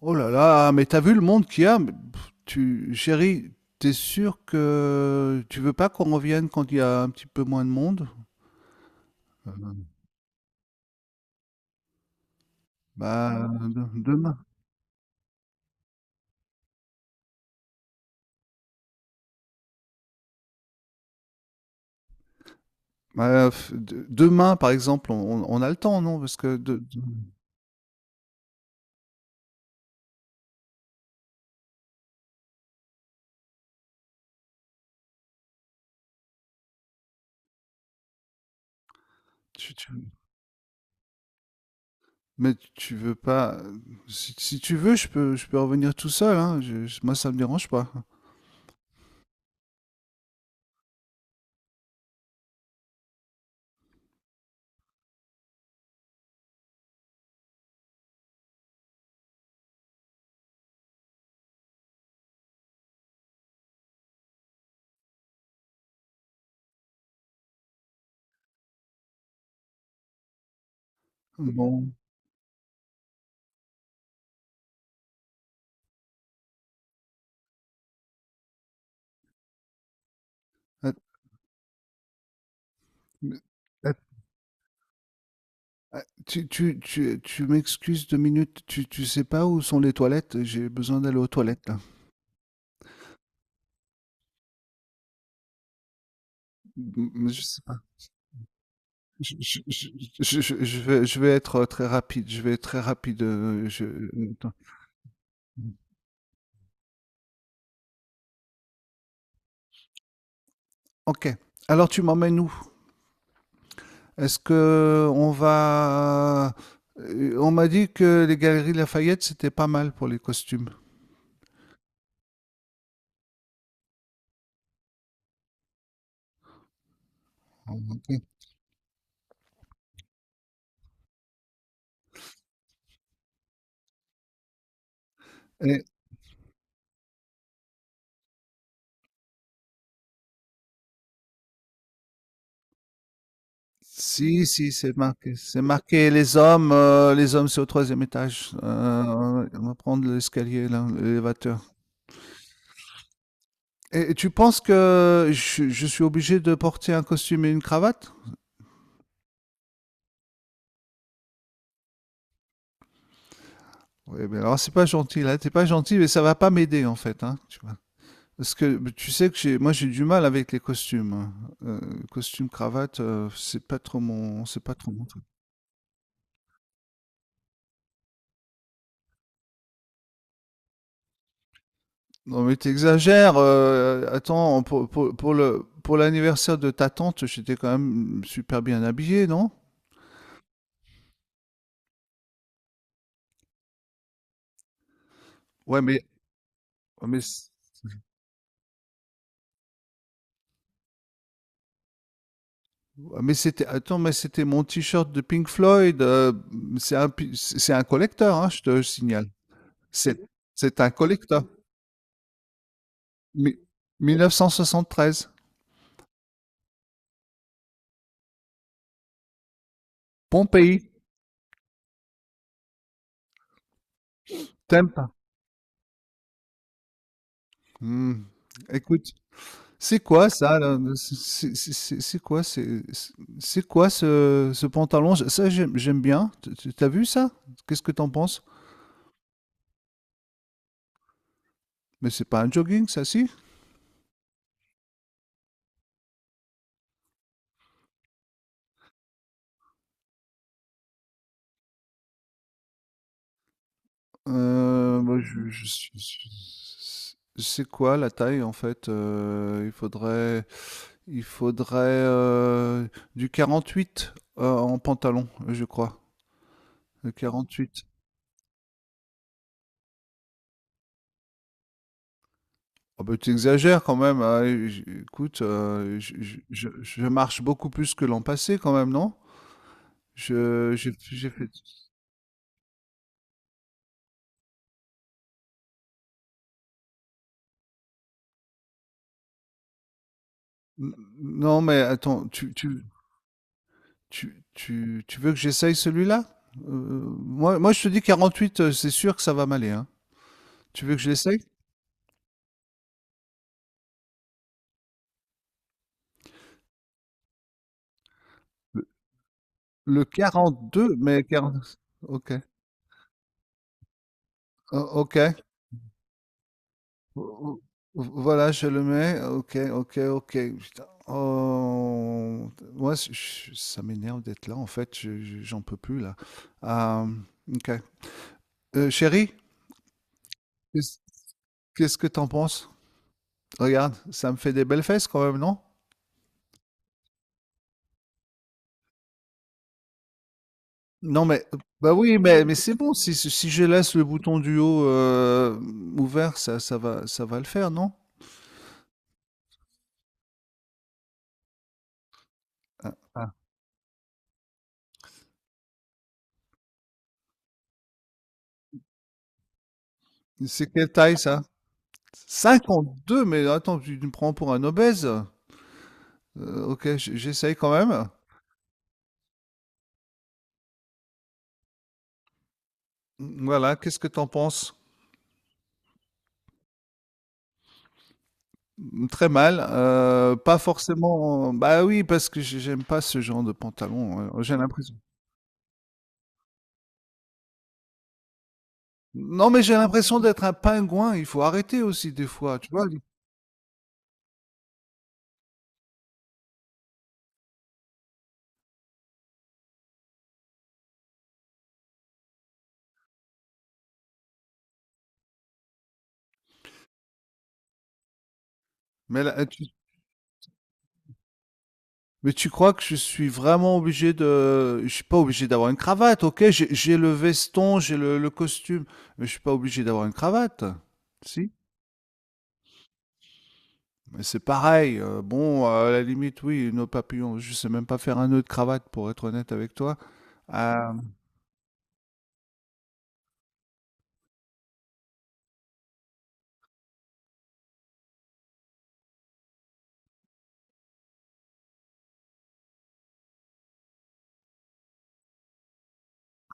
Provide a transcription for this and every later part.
Oh là là, mais t'as vu le monde qu'il y a? Mais, chérie, t'es sûr que tu veux pas qu'on revienne quand il y a un petit peu moins de monde? Bah, demain. Bah, demain, par exemple, on a le temps, non? Parce que de- tu- tu- mais tu veux pas. Si, tu veux, je peux revenir tout seul, hein. Moi, ça me dérange pas. Bon. Att- mais- att- tu m'excuses 2 minutes. Tu sais pas où sont les toilettes? J'ai besoin d'aller aux toilettes, là. M- mais je- je vais être, très rapide. Je vais être très rapide. Je Attends. OK, alors tu m'emmènes où? Est-ce que on va, On m'a dit que les Galeries Lafayette, c'était pas mal pour les costumes. Oh, ok. Et Si, si, c'est marqué les hommes. Les hommes, c'est au troisième étage. On va prendre l'escalier là, l'élévateur. Et tu penses que je suis obligé de porter un costume et une cravate? Oui, mais alors c'est pas gentil, là, t'es pas gentil. Mais ça va pas m'aider en fait, hein, tu vois. Parce que mais tu sais que moi j'ai du mal avec les costumes, hein. Euh, Costume cravate, c'est pas trop mon truc. Non mais t'exagères. Attends, pour l'anniversaire de ta tante, j'étais quand même super bien habillé, non? Ouais, mais c- ouais, mais c'était attends, mais c'était mon t-shirt de Pink Floyd. C'est un collecteur, hein, je te signale. C'est c'est un collecteur. Mi- 1973. Pompéi. Tempa. Hmm. Écoute, c'est quoi ça là? C'est quoi ce pantalon? Ça, j'aime bien. T'as vu ça? Qu'est-ce que t'en penses? Mais c'est pas un jogging ça, si? Moi, je suis- je- C'est quoi la taille en fait? Il faudrait du 48 en pantalon, je crois. Le 48. Ah bah, tu exagères quand même, hein. Écoute, je marche beaucoup plus que l'an passé quand même, non? Je, j'ai fait. Non, mais attends, tu veux que j'essaye celui-là? Euh, moi, je te dis 48, c'est sûr que ça va m'aller, hein. Tu veux que je l'essaye? Le le deux mais 40. Ok. Oh, ok. Vo- vo- Voilà, je le mets. Ok, ok, ok. Putain. Oh, moi, ça m'énerve d'être là. En fait, j'en peux plus là. Euh, ok. Chérie, qu'est-ce qu'est-ce que t'en penses? Regarde, ça me fait des belles fesses quand même, non? Non, mais bah oui, mais c'est bon. Si, je laisse le bouton du haut ouvert, ça va le faire, non? Ah. C'est quelle taille ça? 52. Mais attends, tu me prends pour un obèse? Ok, j'essaye quand même. Voilà, qu'est-ce que t'en penses? Très mal, pas forcément. Bah, oui, parce que j'aime pas ce genre de pantalon. J'ai l'impression non, mais j'ai l'impression d'être un pingouin. Il faut arrêter aussi des fois, tu vois? Mais là, tu mais tu crois que je suis vraiment obligé de, je suis pas obligé d'avoir une cravate. OK, j'ai le veston, j'ai le costume, mais je suis pas obligé d'avoir une cravate. Si? Mais c'est pareil. Bon, à la limite, oui, nœud papillon, je sais même pas faire un nœud de cravate pour être honnête avec toi. Hem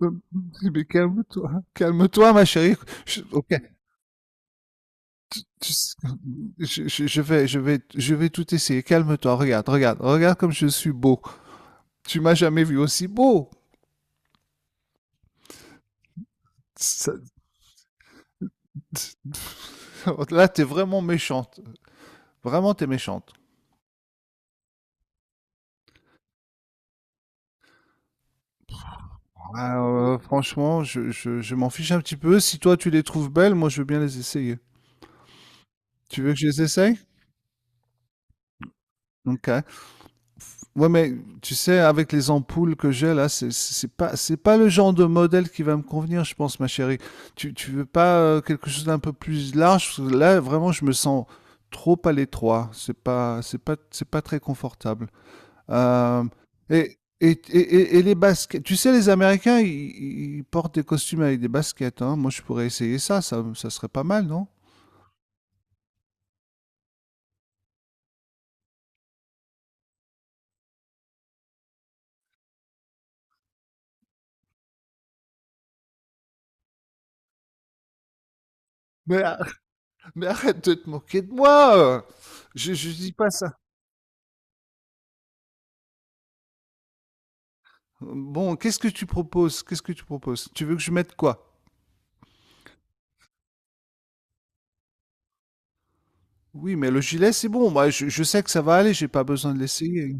Je dis, mais calme-toi, calme-toi, ma chérie. Ok. Tu sais- je vais tout essayer. Calme-toi. Regarde, regarde, regarde comme je suis beau. Tu m'as jamais vu aussi beau. Ça- Là, t'es vraiment méchante. Vraiment, t'es méchante. Ah, franchement, je m'en fiche un petit peu. Si toi, tu les trouves belles, moi, je veux bien les essayer. Tu veux que je les essaye? Ok. Ouais, mais tu sais, avec les ampoules que j'ai là, c'est pas le genre de modèle qui va me convenir, je pense, ma chérie. Tu veux pas quelque chose d'un peu plus large? Parce que là, vraiment, je me sens trop à l'étroit. C'est pas très confortable. Euh, et les baskets, tu sais, les Américains, ils portent des costumes avec des baskets, hein. Moi, je pourrais essayer ça, ça serait pas mal, non? Mais, arrête de te moquer de moi! Je dis pas ça. Bon, qu'est-ce que tu proposes? Qu'est-ce que tu proposes? Tu veux que je mette quoi? Oui, mais le gilet, c'est bon. Moi, je sais que ça va aller. J'ai pas besoin de l'essayer.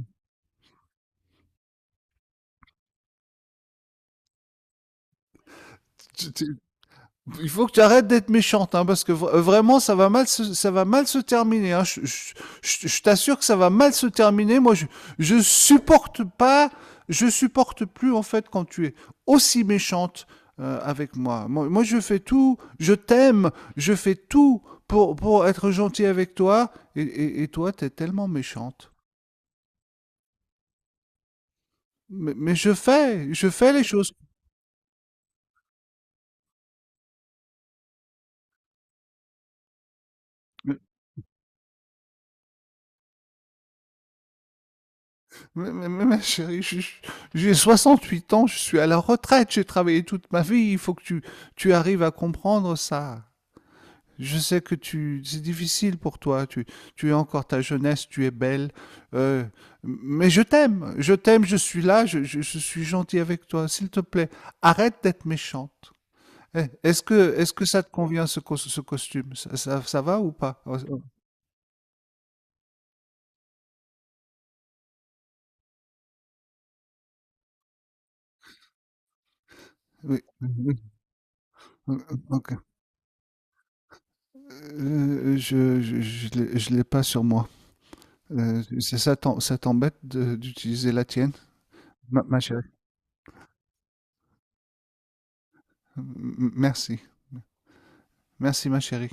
Tu- tu- Il faut que tu arrêtes d'être méchante, hein, parce que vraiment, ça va mal se terminer. Hein. Je t'assure que ça va mal se terminer. Moi, je supporte pas, je supporte plus en fait quand tu es aussi méchante avec moi. Moi. Moi, je fais tout. Je t'aime. Je fais tout pour être gentil avec toi. Et toi, t'es tellement méchante. Mais je fais les choses. Mais, mais chérie, j'ai 68 ans, je suis à la retraite, j'ai travaillé toute ma vie, il faut que tu arrives à comprendre ça. Je sais que c'est difficile pour toi, tu es encore ta jeunesse, tu es belle, euh, mais je t'aime, je t'aime, je suis là, je suis gentil avec toi, s'il te plaît, arrête d'être méchante. Eh, est-ce que ça te convient ce, ce costume? Ça va ou pas? Oh, oh. Oui. Oui. Oui, oui, ok. Je l'ai pas sur moi. C'est, ça t'embête d'utiliser la tienne, ma chérie? Merci, merci ma chérie.